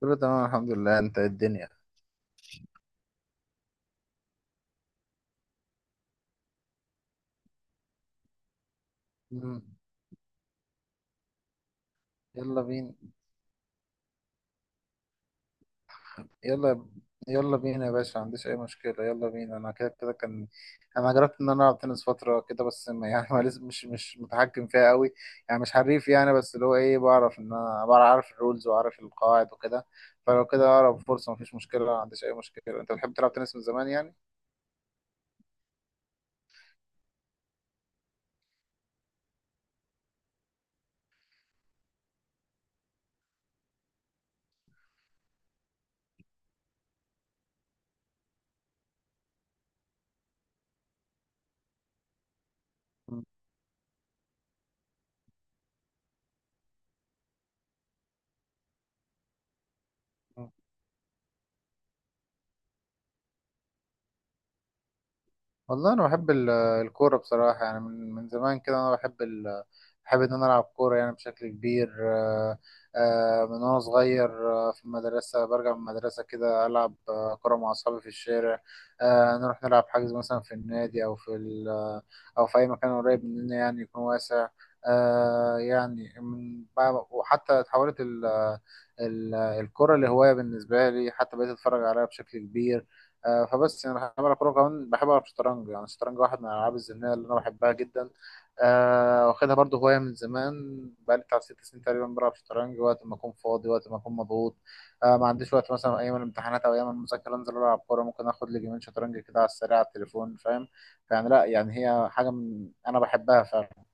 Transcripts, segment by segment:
كله تمام، الحمد لله. انت ايه الدنيا؟ مم. يلا بينا. يلا. يلا بينا يا باشا، ما عنديش اي مشكله. يلا بينا. انا كده كده كان انا جربت ان انا العب تنس فتره كده، بس ما يعني ما لسه مش متحكم فيها قوي. يعني مش حريف، يعني بس اللي هو ايه، بعرف ان انا بعرف الرولز واعرف القواعد وكده. فلو كده اقرب فرصه، مفيش مشكله، ما عنديش اي مشكله. انت بتحب تلعب تنس من زمان يعني؟ والله انا بحب الكوره بصراحه، يعني من زمان كده انا بحب ال... آه، بحب ان انا العب كوره يعني بشكل كبير. من وانا صغير، في المدرسه برجع من المدرسه كده العب كوره مع اصحابي في الشارع. نروح نلعب حجز مثلا في النادي او في ال... آه، او في اي مكان قريب مننا يعني يكون واسع. يعني وحتى اتحولت الكرة لهواية بالنسبة لي، حتى بقيت أتفرج عليها بشكل كبير. فبس يعني بحب ألعب كورة. كمان بحب ألعب شطرنج، يعني الشطرنج واحد من الألعاب الذهنية اللي أنا بحبها جدا. واخدها برضه هواية من زمان. بقالي بتاع 6 سنين تقريبا بلعب شطرنج، وقت ما أكون فاضي، وقت ما أكون مضغوط. ما عنديش وقت مثلا أيام الامتحانات أو أيام المذاكرة أنزل ألعب كورة. ممكن آخد لي جيمين شطرنج كده على السريع على التليفون، فاهم؟ فيعني لأ، يعني هي حاجة من أنا بحبها فعلا.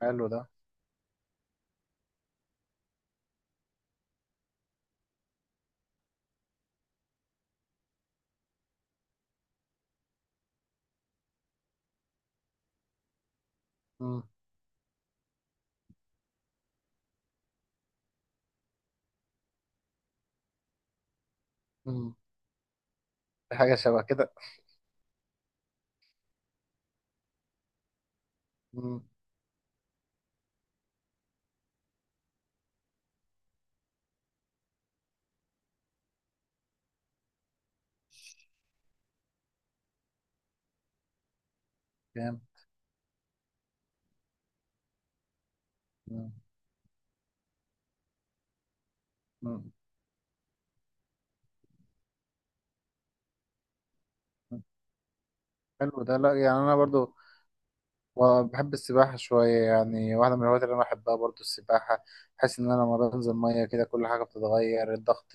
حلو ده. مم. مم. حاجة شبه كده. مم. جامد. مم. مم. حلو ده. لا يعني انا برضو وبحب السباحة شوية، يعني واحدة من الهوايات اللي أنا بحبها برضو السباحة. بحس إن أنا لما بنزل مية كده كل حاجة بتتغير، الضغط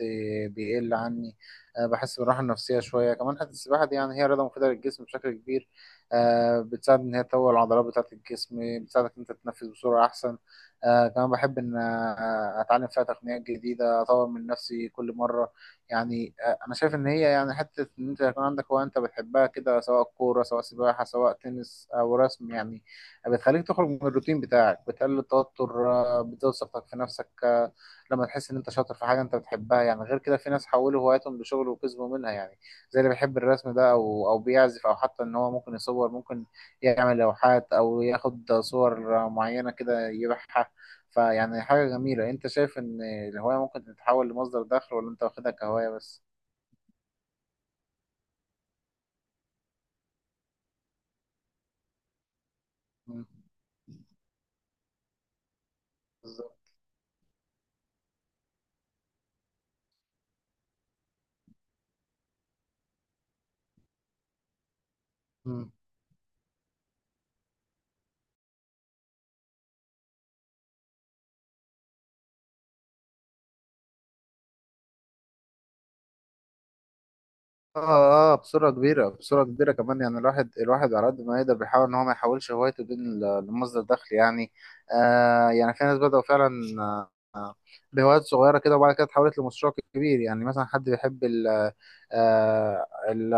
بيقل عني. أه، بحس بالراحة النفسية شوية كمان. حتى السباحة دي يعني هي رياضة مفيدة للجسم بشكل كبير. أه، بتساعد إن هي تقوي العضلات بتاعة الجسم، بتساعدك إن أنت تتنفس بسرعة أحسن. أه كمان بحب إن أتعلم فيها تقنيات جديدة، أطور من نفسي كل مرة يعني. انا شايف ان هي يعني حته ان انت يكون عندك هوايه انت بتحبها كده، سواء كوره، سواء سباحه، سواء تنس او رسم يعني. بتخليك تخرج من الروتين بتاعك، بتقلل التوتر، بتزود ثقتك في نفسك. لما تحس ان انت شاطر في حاجه انت بتحبها يعني. غير كده، في ناس حولوا هواياتهم لشغل وكسبوا منها يعني، زي اللي بيحب الرسم ده، او بيعزف، او حتى ان هو ممكن يصور، ممكن يعمل لوحات او ياخد صور معينه كده يبيعها. فيعني حاجة جميلة. انت شايف ان الهواية ممكن تتحول لمصدر دخل، ولا انت واخدها كهواية بس؟ مم. بالظبط. مم. اه، اه، بصورة كبيرة، بصورة كبيرة كمان. يعني الواحد، الواحد على قد ما يقدر بيحاول ان هو ما يحولش هوايته دي لمصدر دخل يعني. آه، يعني في ناس بدأوا فعلا، آه آه، بهوايات صغيرة كده وبعد كده اتحولت لمشروع كبير. يعني مثلا حد بيحب ال آه ال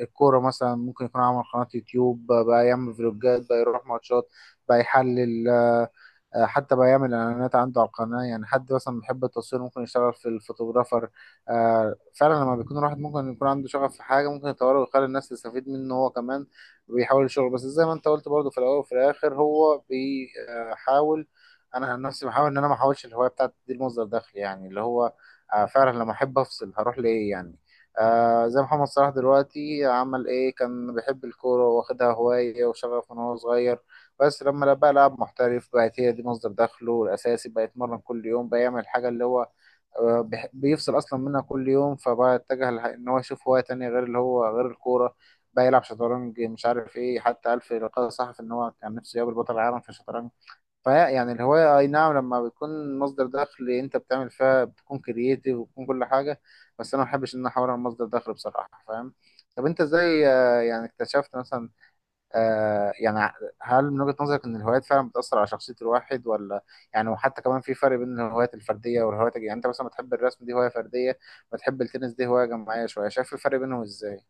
الكورة مثلا، ممكن يكون عمل قناة يوتيوب بقى، يعمل فلوجات، بقى يروح ماتشات بقى يحلل. حتى بقى يعمل اعلانات عنده على القناه. يعني حد مثلا بيحب التصوير ممكن يشتغل في الفوتوغرافر. فعلا لما بيكون الواحد ممكن يكون عنده شغف في حاجه ممكن يطوره ويخلي الناس تستفيد منه هو كمان، بيحاول يشتغل. بس زي ما انت قلت، برضه في الاول وفي الاخر هو بيحاول. انا عن نفسي بحاول ان انا ما احاولش الهوايه بتاعتي دي لمصدر دخل، يعني اللي هو فعلا لما احب افصل هروح لايه يعني. آه، زي محمد صلاح دلوقتي، عمل ايه؟ كان بيحب الكورة، واخدها هواية وشغف من هو صغير. بس لما بقى لاعب محترف، بقت هي دي مصدر دخله الأساسي، بقى يتمرن كل يوم، بقى يعمل حاجة اللي هو بيفصل أصلا منها كل يوم. فبقى اتجه إن هو يشوف هواية تانية غير اللي هو غير الكورة. بقى يلعب شطرنج، مش عارف إيه. حتى قال في لقاء صحفي إن هو كان نفسه يقابل بطل العالم في الشطرنج. فهي يعني الهواية، أي نعم لما بتكون مصدر دخل أنت بتعمل فيها بتكون كرييتيف وبتكون كل حاجة، بس أنا ما بحبش إن أنا أحولها لمصدر دخل بصراحة، فاهم؟ طب أنت إزاي يعني اكتشفت مثلا، آه يعني، هل من وجهة نظرك ان الهوايات فعلا بتأثر على شخصية الواحد ولا؟ يعني وحتى كمان في فرق بين الهوايات الفردية والهوايات يعني انت مثلا بتحب الرسم، دي هواية فردية. بتحب التنس، دي هواية جماعية شوية. شايف الفرق بينهم ازاي؟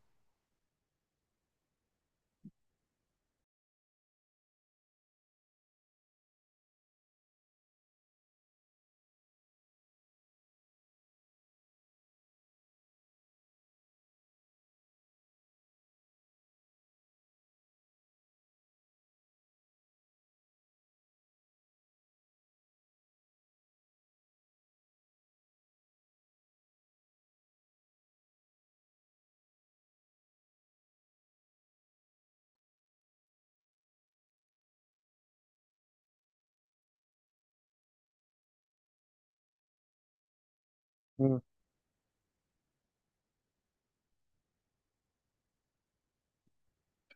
مم.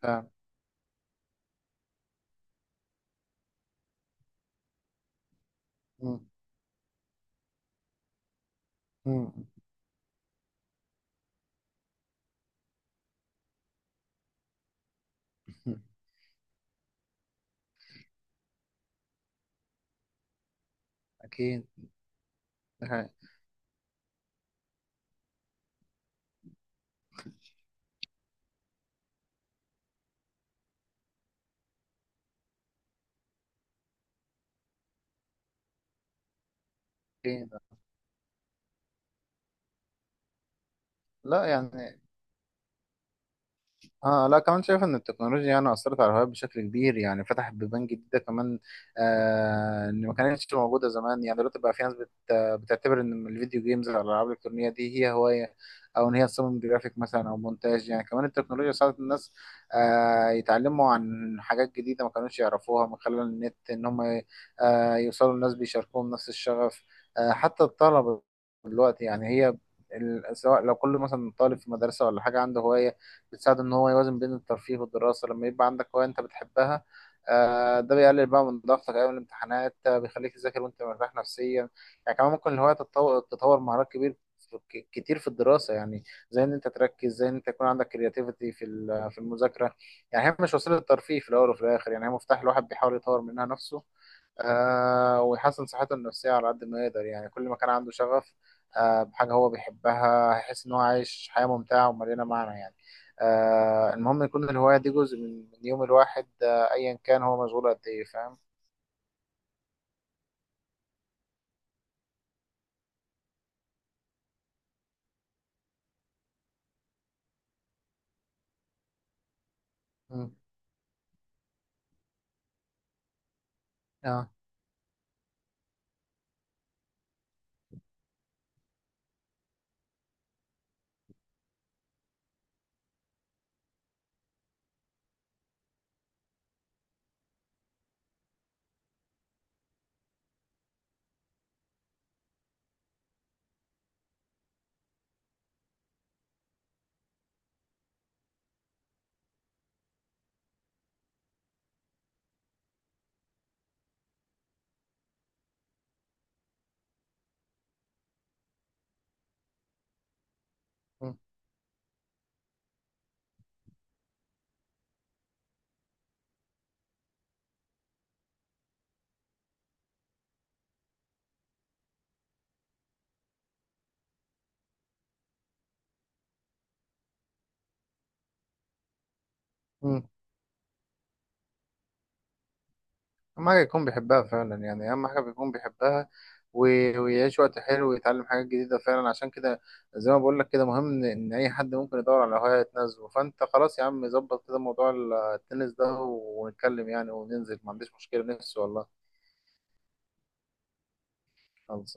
فاهم. مم. مم. أكيد. ده حقيقي. أكيد. لا يعني، اه، لا كمان شايف ان التكنولوجيا يعني اثرت على الهوايات بشكل كبير، يعني فتحت بيبان جديده كمان. آه، ان ما كانتش موجوده زمان. يعني دلوقتي بقى في ناس بتعتبر ان الفيديو جيمز او الالعاب الالكترونيه دي هي هوايه، او ان هي تصمم جرافيك مثلا او مونتاج. يعني كمان التكنولوجيا ساعدت الناس آه يتعلموا عن حاجات جديده ما كانوش يعرفوها من خلال النت، ان هم آه يوصلوا لناس بيشاركوهم نفس الشغف. آه، حتى الطلبه دلوقتي، يعني هي سواء لو كل مثلا طالب في مدرسه ولا حاجه عنده هوايه، بتساعده ان هو يوازن بين الترفيه والدراسه. لما يبقى عندك هوايه انت بتحبها، ده بيقلل بقى من ضغطك ايام الامتحانات، بيخليك تذاكر وانت مرتاح نفسيا يعني. كمان ممكن الهوايه تطور مهارات كتير في الدراسه يعني. زي ان انت تركز، زي ان انت يكون عندك كرياتيفيتي في في المذاكره. يعني هي مش وسيله ترفيه. في الاول وفي الاخر يعني هي مفتاح، الواحد بيحاول يطور منها نفسه. آه، ويحسن صحته النفسية على قد ما يقدر يعني. كل ما كان عنده شغف بحاجة هو بيحبها، هيحس إن هو عايش حياة ممتعة ومليانة معنى يعني. آه، المهم يكون الهواية دي جزء من يوم الواحد، آه أيا كان هو مشغول قد إيه، فاهم؟ مم. آه. مم. مم. أهم حاجة يكون بيحبها فعلا يعني. أهم حاجة بيكون بيحبها ويعيش وقت حلو ويتعلم حاجات جديدة فعلا. عشان كده، زي ما بقول لك كده، مهم إن أي حد ممكن يدور على هواية تناسبه. فأنت خلاص يا عم، ظبط كده موضوع التنس ده ونتكلم، يعني وننزل، ما عنديش مشكلة نفسي والله.